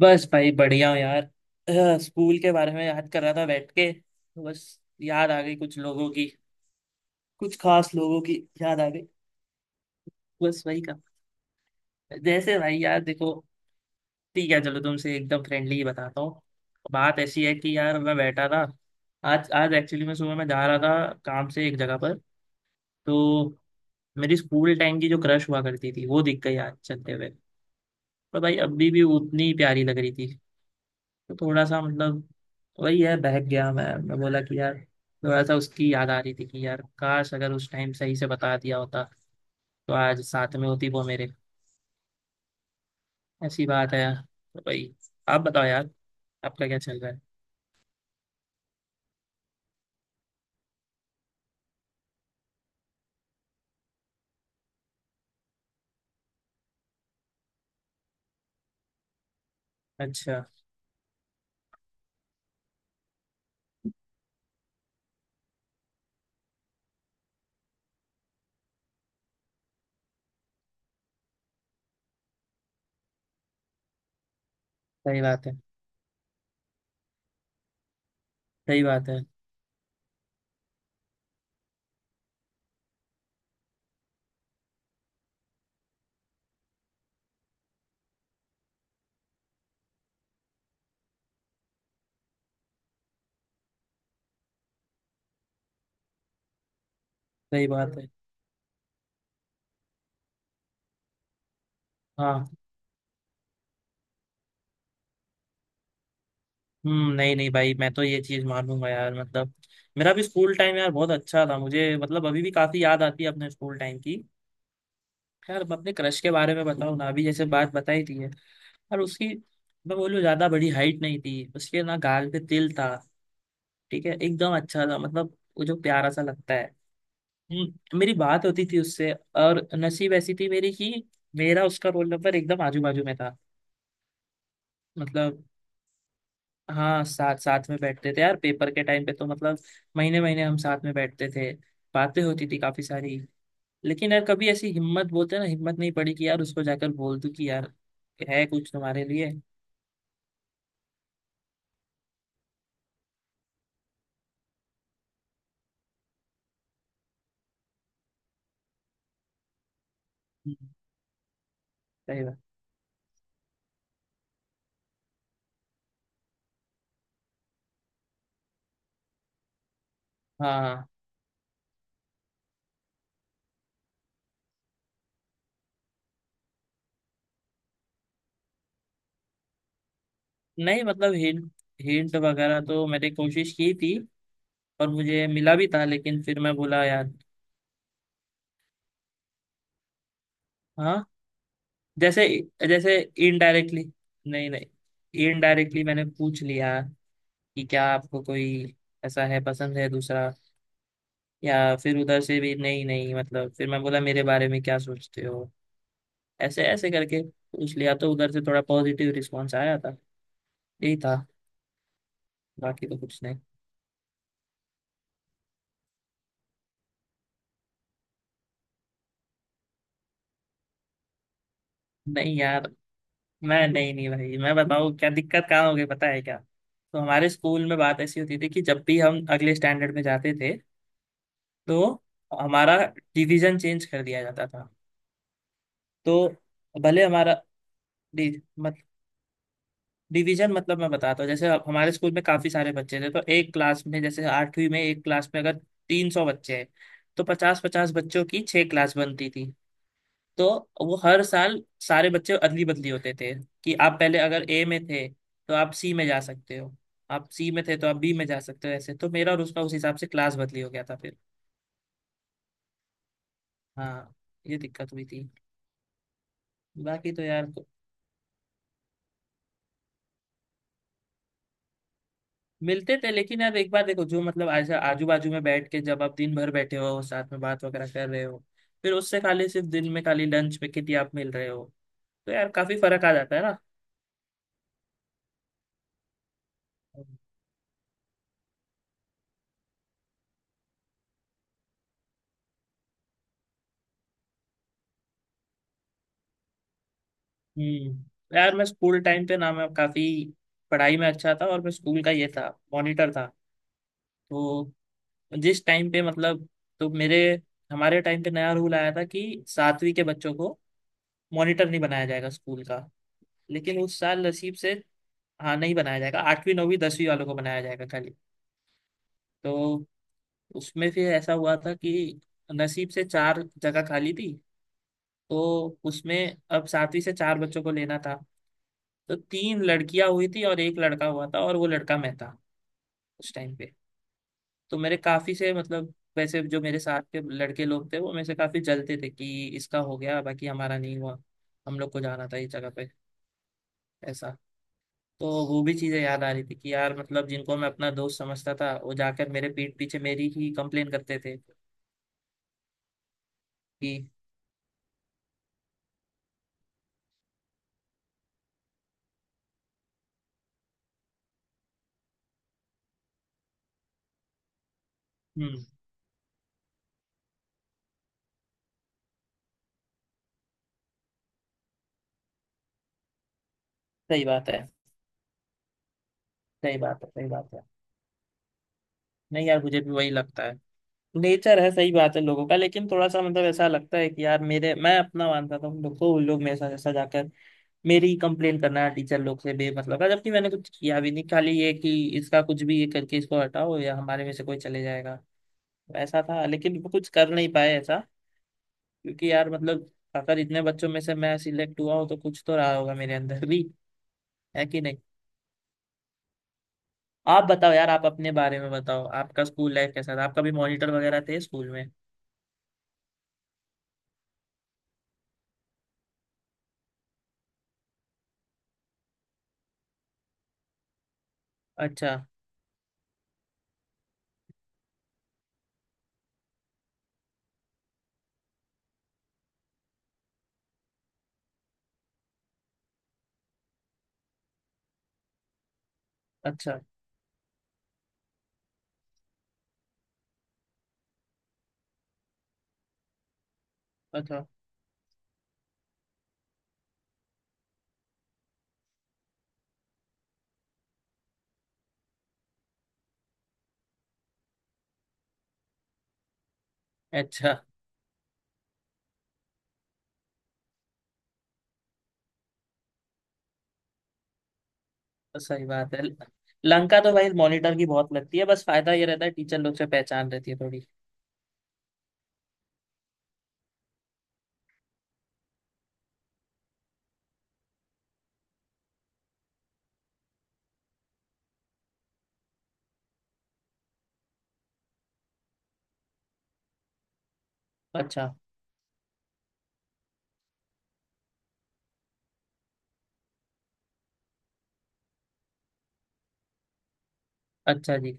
बस भाई बढ़िया हूँ यार। स्कूल के बारे में याद कर रहा था बैठ के। बस याद आ गई कुछ लोगों की, कुछ खास लोगों की याद आ गई। बस वही का। जैसे भाई यार देखो, ठीक है चलो तुमसे एकदम फ्रेंडली ही बताता हूँ। बात ऐसी है कि यार मैं बैठा था। आज आज एक्चुअली मैं सुबह मैं जा रहा था काम से एक जगह पर। तो मेरी स्कूल टाइम की जो क्रश हुआ करती थी वो दिख गई आज चलते हुए। पर भाई अभी भी उतनी ही प्यारी लग रही थी। तो थोड़ा सा मतलब वही है, बहक गया, मैं बोला कि यार थोड़ा सा उसकी याद आ रही थी कि यार काश अगर उस टाइम सही से बता दिया होता तो आज साथ में होती वो मेरे। ऐसी बात है यार। तो भाई आप बताओ यार, आपका क्या चल रहा है? अच्छा। सही बात है। सही बात है। सही बात है। हाँ। हम्म। नहीं नहीं भाई मैं तो ये चीज मानूंगा यार, मतलब मेरा भी स्कूल टाइम यार बहुत अच्छा था मुझे, मतलब अभी भी काफी याद आती है अपने स्कूल टाइम की। यार अब अपने क्रश के बारे में बताओ ना, अभी जैसे बात बताई थी है। और उसकी, मैं बोलूँ, ज्यादा बड़ी हाइट नहीं थी उसके, ना गाल पे तिल था। ठीक है एकदम अच्छा था, मतलब वो जो प्यारा सा लगता है। मेरी बात होती थी उससे। और नसीब ऐसी थी मेरी कि मेरा उसका रोल नंबर एकदम आजू बाजू में था। मतलब हाँ, साथ साथ में बैठते थे यार। पेपर के टाइम पे तो मतलब महीने महीने हम साथ में बैठते थे, बातें होती थी काफी सारी। लेकिन यार कभी ऐसी हिम्मत, बोलते हैं ना, हिम्मत नहीं पड़ी कि यार उसको जाकर बोल दूं कि यार है कुछ तुम्हारे लिए। हम्म। सही बात। हाँ। नहीं मतलब हिंट हिंट वगैरह तो मैंने कोशिश की थी और मुझे मिला भी था, लेकिन फिर मैं बोला यार। हाँ। जैसे जैसे। इनडायरेक्टली, नहीं नहीं, इनडायरेक्टली मैंने पूछ लिया कि क्या आपको कोई ऐसा है, पसंद है दूसरा, या फिर उधर से भी। नहीं नहीं मतलब फिर मैं बोला मेरे बारे में क्या सोचते हो, ऐसे ऐसे करके पूछ लिया तो उधर से थोड़ा पॉजिटिव रिस्पॉन्स आया था। यही था, बाकी तो कुछ नहीं। नहीं यार मैं, नहीं नहीं भाई मैं बताऊँ क्या दिक्कत कहाँ हो गई, पता है क्या? तो हमारे स्कूल में बात ऐसी होती थी कि जब भी हम अगले स्टैंडर्ड में जाते थे तो हमारा डिवीजन चेंज कर दिया जाता था। तो भले हमारा डि- डिवीजन, मतलब मैं बताता हूँ, जैसे अब हमारे स्कूल में काफी सारे बच्चे थे तो एक क्लास में, जैसे आठवीं में एक क्लास में अगर 300 बच्चे हैं तो 50-50 बच्चों की छह क्लास बनती थी। तो वो हर साल सारे बच्चे अदली बदली होते थे कि आप पहले अगर ए में थे तो आप सी में जा सकते हो, आप सी में थे तो आप बी में जा सकते हो। ऐसे तो मेरा और उसका उस हिसाब से क्लास बदली हो गया था फिर। हाँ, ये दिक्कत हुई थी। बाकी तो यार मिलते थे, लेकिन यार एक बार देखो जो मतलब ऐसा आजू बाजू में बैठ के जब आप दिन भर बैठे हो साथ में, बात वगैरह कर रहे हो, फिर उससे खाली सिर्फ दिन में खाली लंच में कितनी आप मिल रहे हो, तो यार काफी फर्क आ जाता है ना। हम्म, यार मैं स्कूल टाइम पे ना मैं काफी पढ़ाई में अच्छा था, और मैं स्कूल का ये था, मॉनिटर था। तो जिस टाइम पे मतलब, तो मेरे हमारे टाइम पे नया रूल आया था कि सातवीं के बच्चों को मॉनिटर नहीं बनाया जाएगा स्कूल का। लेकिन उस साल नसीब से, हाँ नहीं बनाया जाएगा, आठवीं नौवीं 10वीं वालों को बनाया जाएगा खाली। तो उसमें फिर ऐसा हुआ था कि नसीब से चार जगह खाली थी। तो उसमें अब सातवीं से चार बच्चों को लेना था। तो तीन लड़कियां हुई थी और एक लड़का हुआ था, और वो लड़का मैं था उस टाइम पे। तो मेरे काफी से मतलब, वैसे जो मेरे साथ के लड़के लोग थे वो मेरे से काफी जलते थे कि इसका हो गया बाकी हमारा नहीं हुआ, हम लोग को जाना था इस जगह पे, ऐसा। तो वो भी चीजें याद आ रही थी कि यार मतलब जिनको मैं अपना दोस्त समझता था वो जाकर मेरे पीठ पीछे मेरी ही कंप्लेन करते थे कि। हम्म। सही बात है। सही बात है। सही बात है। नहीं यार मुझे भी वही लगता है, नेचर है, सही बात है लोगों का। लेकिन थोड़ा सा मतलब ऐसा लगता है कि यार मेरे, मैं अपना मानता था उन लोग को, उन लोग मेरे साथ ऐसा जाकर मेरी ही कंप्लेन करना टीचर लोग से, बेमतलब का, जबकि मैंने कुछ किया भी नहीं। खाली ये कि इसका कुछ भी ये करके इसको हटाओ या हमारे में से कोई चले जाएगा, ऐसा था। लेकिन वो कुछ कर नहीं पाए ऐसा, क्योंकि यार मतलब अगर इतने बच्चों में से मैं सिलेक्ट हुआ हूँ तो कुछ तो रहा होगा मेरे अंदर भी, है कि नहीं? आप बताओ यार, आप अपने बारे में बताओ, आपका स्कूल लाइफ कैसा था? आपका भी मॉनिटर वगैरह थे स्कूल में? अच्छा अच्छा। अच्छा अच्छा। तो सही बात है, लंका तो भाई मॉनिटर की बहुत लगती है, बस फायदा ये रहता है टीचर लोग से पहचान रहती है थोड़ी। अच्छा अच्छा जी।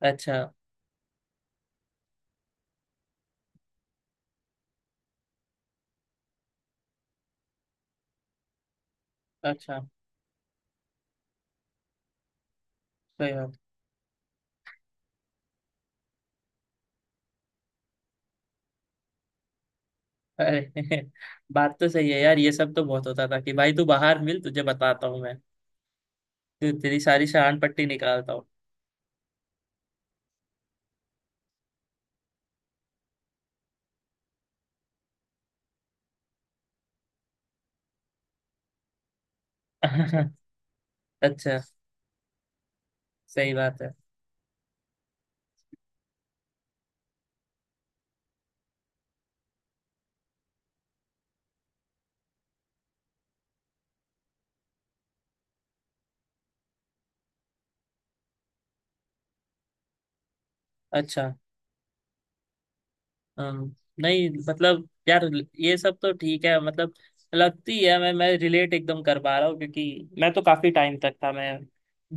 अच्छा अच्छा। सही बात। अरे बात तो सही है यार, ये सब तो बहुत होता था कि भाई तू बाहर मिल, तुझे बताता हूँ मैं, तेरी सारी शान पट्टी निकालता हूँ। अच्छा। सही बात है। अच्छा। हम्म। नहीं मतलब यार ये सब तो ठीक है, मतलब लगती है, मैं रिलेट एकदम कर पा रहा हूँ, क्योंकि मैं तो काफी टाइम तक था मैं।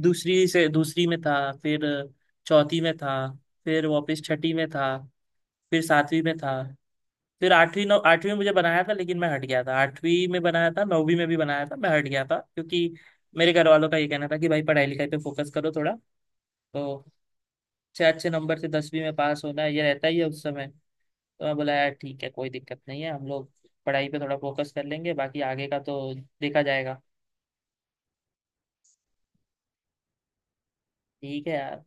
दूसरी से दूसरी में था, फिर चौथी में था, फिर वापस छठी में था, फिर सातवीं में था, फिर आठवीं नौ आठवीं में मुझे बनाया था, लेकिन मैं हट गया था। आठवीं में बनाया था, नौवीं में भी बनाया था, मैं हट गया था, क्योंकि मेरे घर वालों का ये कहना था कि भाई पढ़ाई लिखाई पे फोकस करो थोड़ा, तो अच्छे अच्छे नंबर से 10वीं में पास होना है, ये रहता ही है उस समय। तो मैं बोला यार ठीक है कोई दिक्कत नहीं है, हम लोग पढ़ाई पे थोड़ा फोकस कर लेंगे, बाकी आगे का तो देखा जाएगा। ठीक है यार।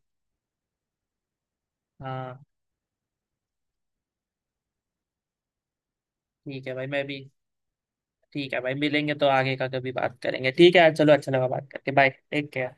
हाँ। ठीक है भाई, मैं भी। ठीक है भाई मिलेंगे तो आगे का कभी बात करेंगे, ठीक है यार, चलो, अच्छा लगा बात करके, बाय, टेक केयर।